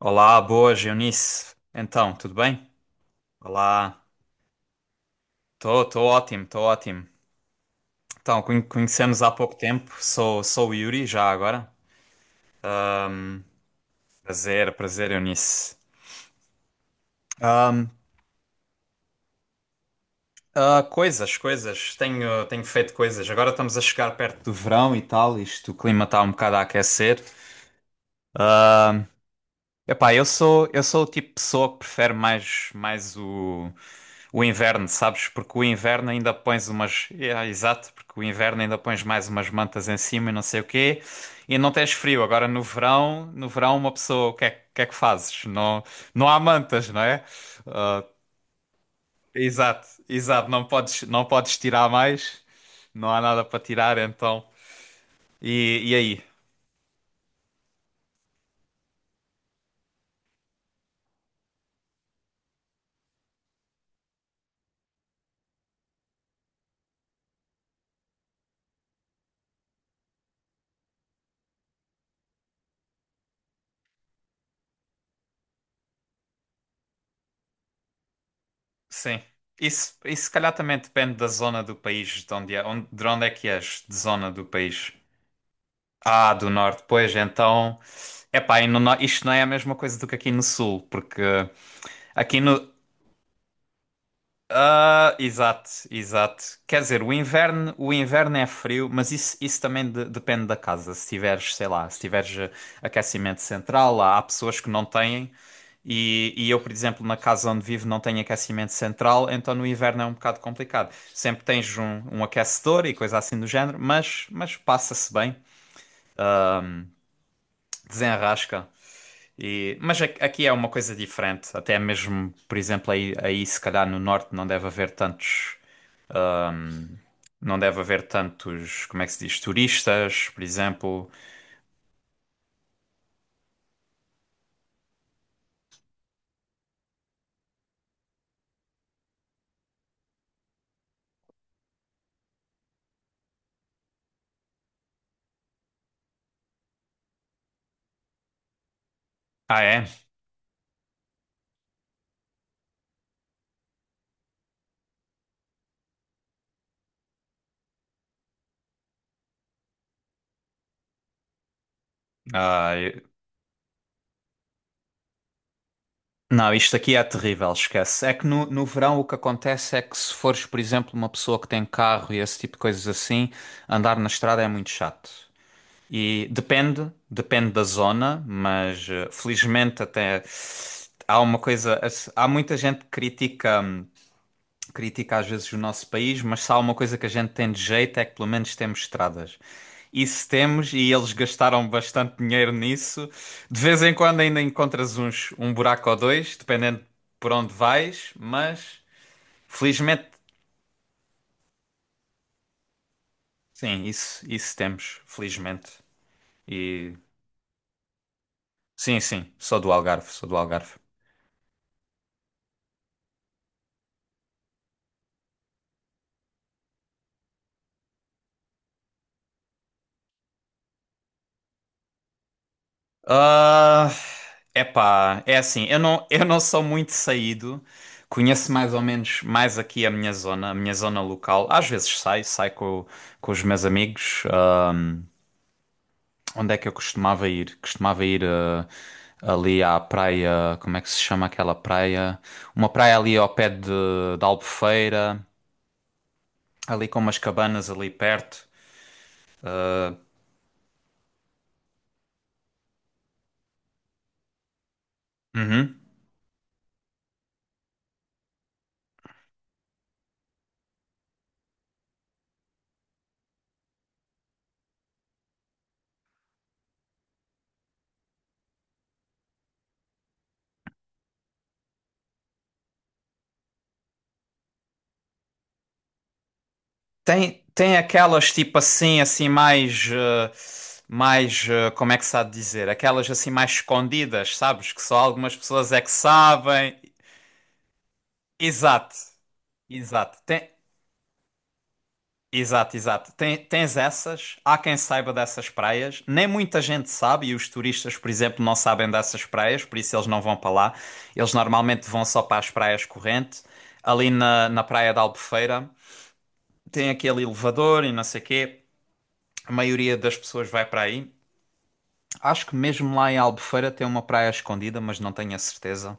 Olá, boas, Eunice. Então, tudo bem? Olá, estou tô ótimo, estou ótimo. Então, conhecemos há pouco tempo, sou o Yuri já agora. Prazer, prazer, Eunice. Ahm, coisas, coisas, tenho, tenho feito coisas. Agora estamos a chegar perto do verão e tal, isto, o clima está um bocado a aquecer. Ahm, epá, eu sou o tipo de pessoa que prefere mais, mais o. O inverno, sabes? Porque o inverno ainda pões umas. É, exato, porque o inverno ainda pões mais umas mantas em cima e não sei o quê. E não tens frio. Agora no verão, no verão uma pessoa, o que é que fazes? Não, não há mantas, não é? Exato, exato. Não podes tirar mais. Não há nada para tirar, então. E aí? Sim. Isso se calhar também depende da zona do país, de onde é, onde, de onde é que és, de zona do país. Ah, do norte, pois então. Epá, e no, isto não é a mesma coisa do que aqui no sul, porque aqui no. Ah, exato, exato. Quer dizer, o inverno é frio, mas isso também depende da casa. Se tiveres, sei lá, se tiveres aquecimento central, há, há pessoas que não têm. E eu, por exemplo, na casa onde vivo não tenho aquecimento central, então no inverno é um bocado complicado. Sempre tens um, um aquecedor e coisa assim do género, mas passa-se bem, desenrasca. E, mas aqui é uma coisa diferente. Até mesmo, por exemplo, aí, aí se calhar no norte não deve haver tantos, não deve haver tantos, como é que se diz, turistas, por exemplo. Ah, é? Ah, não, isto aqui é terrível, esquece. É que no, no verão o que acontece é que se fores, por exemplo, uma pessoa que tem carro e esse tipo de coisas assim, andar na estrada é muito chato. E depende, depende da zona, mas felizmente até há uma coisa, há muita gente que critica. Critica às vezes o nosso país, mas se há uma coisa que a gente tem de jeito é que pelo menos temos estradas. Isso temos e eles gastaram bastante dinheiro nisso. De vez em quando ainda encontras uns, um buraco ou dois, dependendo por onde vais, mas felizmente, sim, isso temos, felizmente. E sim, sim, sou do Algarve, sou do Algarve. Ah, epá, é assim, eu não sou muito saído, conheço mais ou menos mais aqui a minha zona local. Às vezes saio, saio com os meus amigos. Ah, onde é que eu costumava ir? Costumava ir ali à praia, como é que se chama aquela praia? Uma praia ali ao pé de Albufeira, ali com umas cabanas ali perto. Ah, uhum. Tem, tem aquelas tipo assim, assim mais, mais, como é que se há de dizer? Aquelas assim mais escondidas, sabes? Que só algumas pessoas é que sabem. Exato, exato. Tem, exato, exato. Tem, tens essas, há quem saiba dessas praias. Nem muita gente sabe, e os turistas, por exemplo, não sabem dessas praias, por isso eles não vão para lá. Eles normalmente vão só para as praias corrente. Ali na, na praia da Albufeira tem aquele elevador e não sei o quê. A maioria das pessoas vai para aí. Acho que mesmo lá em Albufeira tem uma praia escondida, mas não tenho a certeza.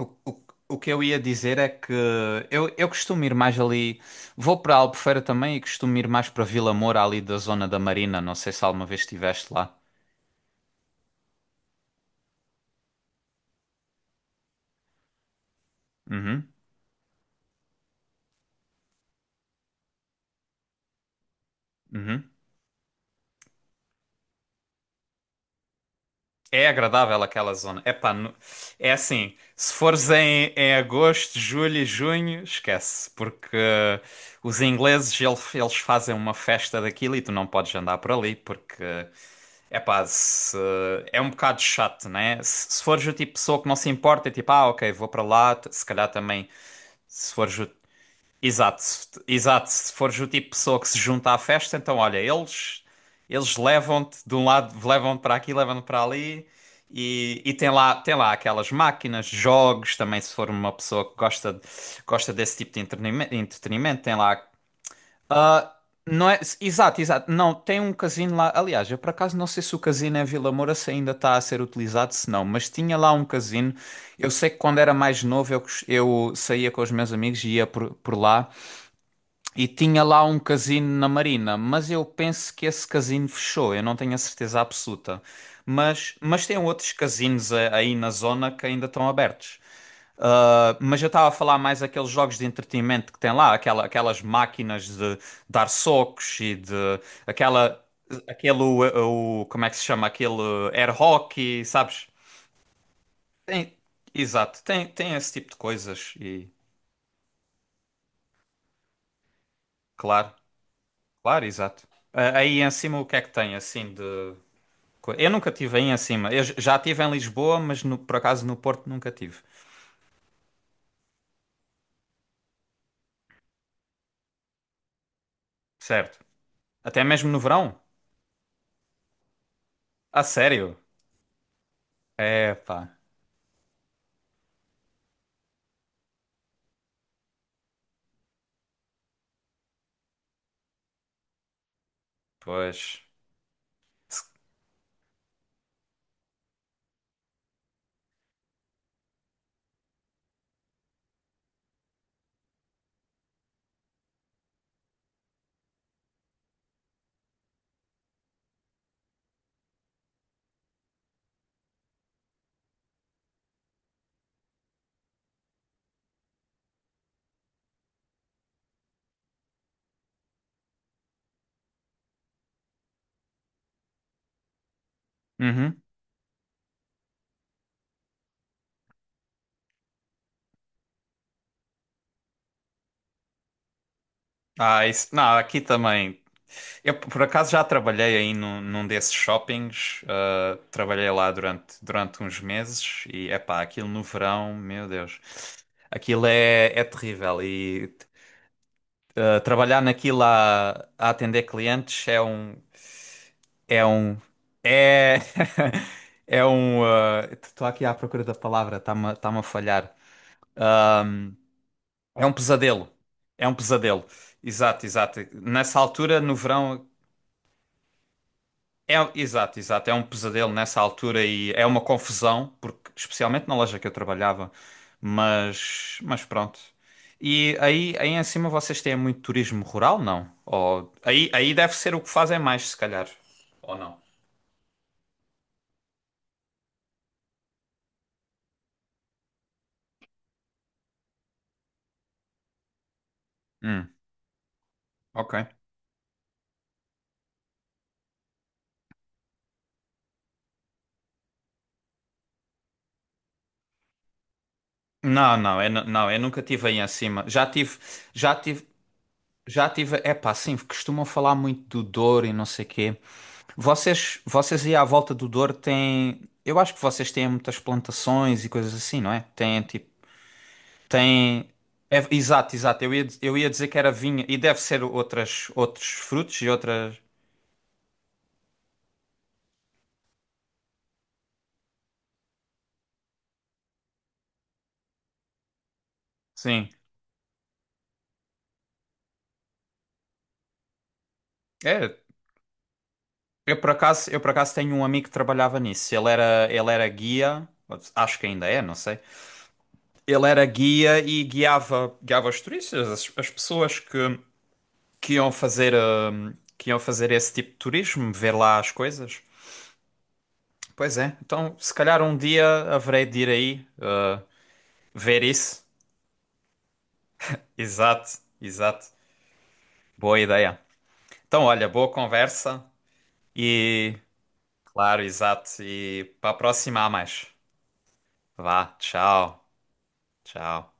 O, o- o que eu ia dizer é que eu costumo ir mais ali. Vou para Albufeira também e costumo ir mais para Vila Moura, ali da zona da Marina. Não sei se alguma vez estiveste lá. Uhum, uhum. É agradável aquela zona. Epá, é assim, se fores em, em agosto, julho e junho, esquece, porque os ingleses eles fazem uma festa daquilo e tu não podes andar por ali, porque epá, se, é um bocado chato, né? Se fores o tipo de pessoa que não se importa, é tipo, ah, ok, vou para lá, se calhar também, se fores o... exato, se fores o tipo de pessoa que se junta à festa, então olha, eles levam-te de um lado, levam-te para aqui, levam-te para ali e tem lá aquelas máquinas, jogos, também se for uma pessoa que gosta, gosta desse tipo de entretenimento, tem lá ah, não é, exato, exato. Não, tem um casino lá. Aliás, eu por acaso não sei se o casino em Vila Moura se ainda está a ser utilizado, se não, mas tinha lá um casino. Eu sei que quando era mais novo eu, eu saía com os meus amigos e ia por lá e tinha lá um casino na Marina, mas eu penso que esse casino fechou, eu não tenho a certeza absoluta. Mas tem outros casinos aí na zona que ainda estão abertos. Mas eu estava a falar mais aqueles jogos de entretenimento que tem lá, aquela, aquelas máquinas de dar socos e de aquela, aquele, o, como é que se chama? Aquele air hockey, sabes? Tem, exato, tem, tem esse tipo de coisas e claro, claro, exato. Ah, aí em cima o que é que tem assim de. Eu nunca tive aí em cima. Eu já tive em Lisboa, mas por acaso no Porto nunca tive. Certo. Até mesmo no verão? A sério? É, pá. Pois. Uhum. Ah, isso, não, aqui também. Eu por acaso já trabalhei aí num, num desses shoppings. Trabalhei lá durante, durante uns meses e epá, aquilo no verão, meu Deus, aquilo é, é terrível. E trabalhar naquilo a atender clientes é um, é um, é, é um. Estou aqui à procura da palavra, está-me, está-me a falhar. É um pesadelo. É um pesadelo. Exato, exato. Nessa altura, no verão, é, exato, exato. É um pesadelo nessa altura e é uma confusão, porque especialmente na loja que eu trabalhava, mas pronto. E aí, aí em cima vocês têm muito turismo rural, não? Ou, aí, aí deve ser o que fazem mais, se calhar. Ou não? Hum, ok. Não, não, eu, não, eu nunca tive aí em cima. Já tive, já tive, já tive. É pá, sim, costumam falar muito do Douro e não sei quê. Vocês, vocês aí à volta do Douro têm. Eu acho que vocês têm muitas plantações e coisas assim, não é? Têm tipo. Têm. Exato, exato. Eu ia dizer que era vinha e deve ser outras, outros frutos e outras. Sim. É. Eu por acaso tenho um amigo que trabalhava nisso. Ele era guia. Acho que ainda é, não sei. Ele era guia e guiava, guiava os turistas, as pessoas que iam fazer esse tipo de turismo, ver lá as coisas. Pois é, então se calhar um dia haverei de ir aí ver isso. Exato, exato. Boa ideia. Então, olha, boa conversa e, claro, exato. E para a próxima há mais. Vá, tchau, tchau.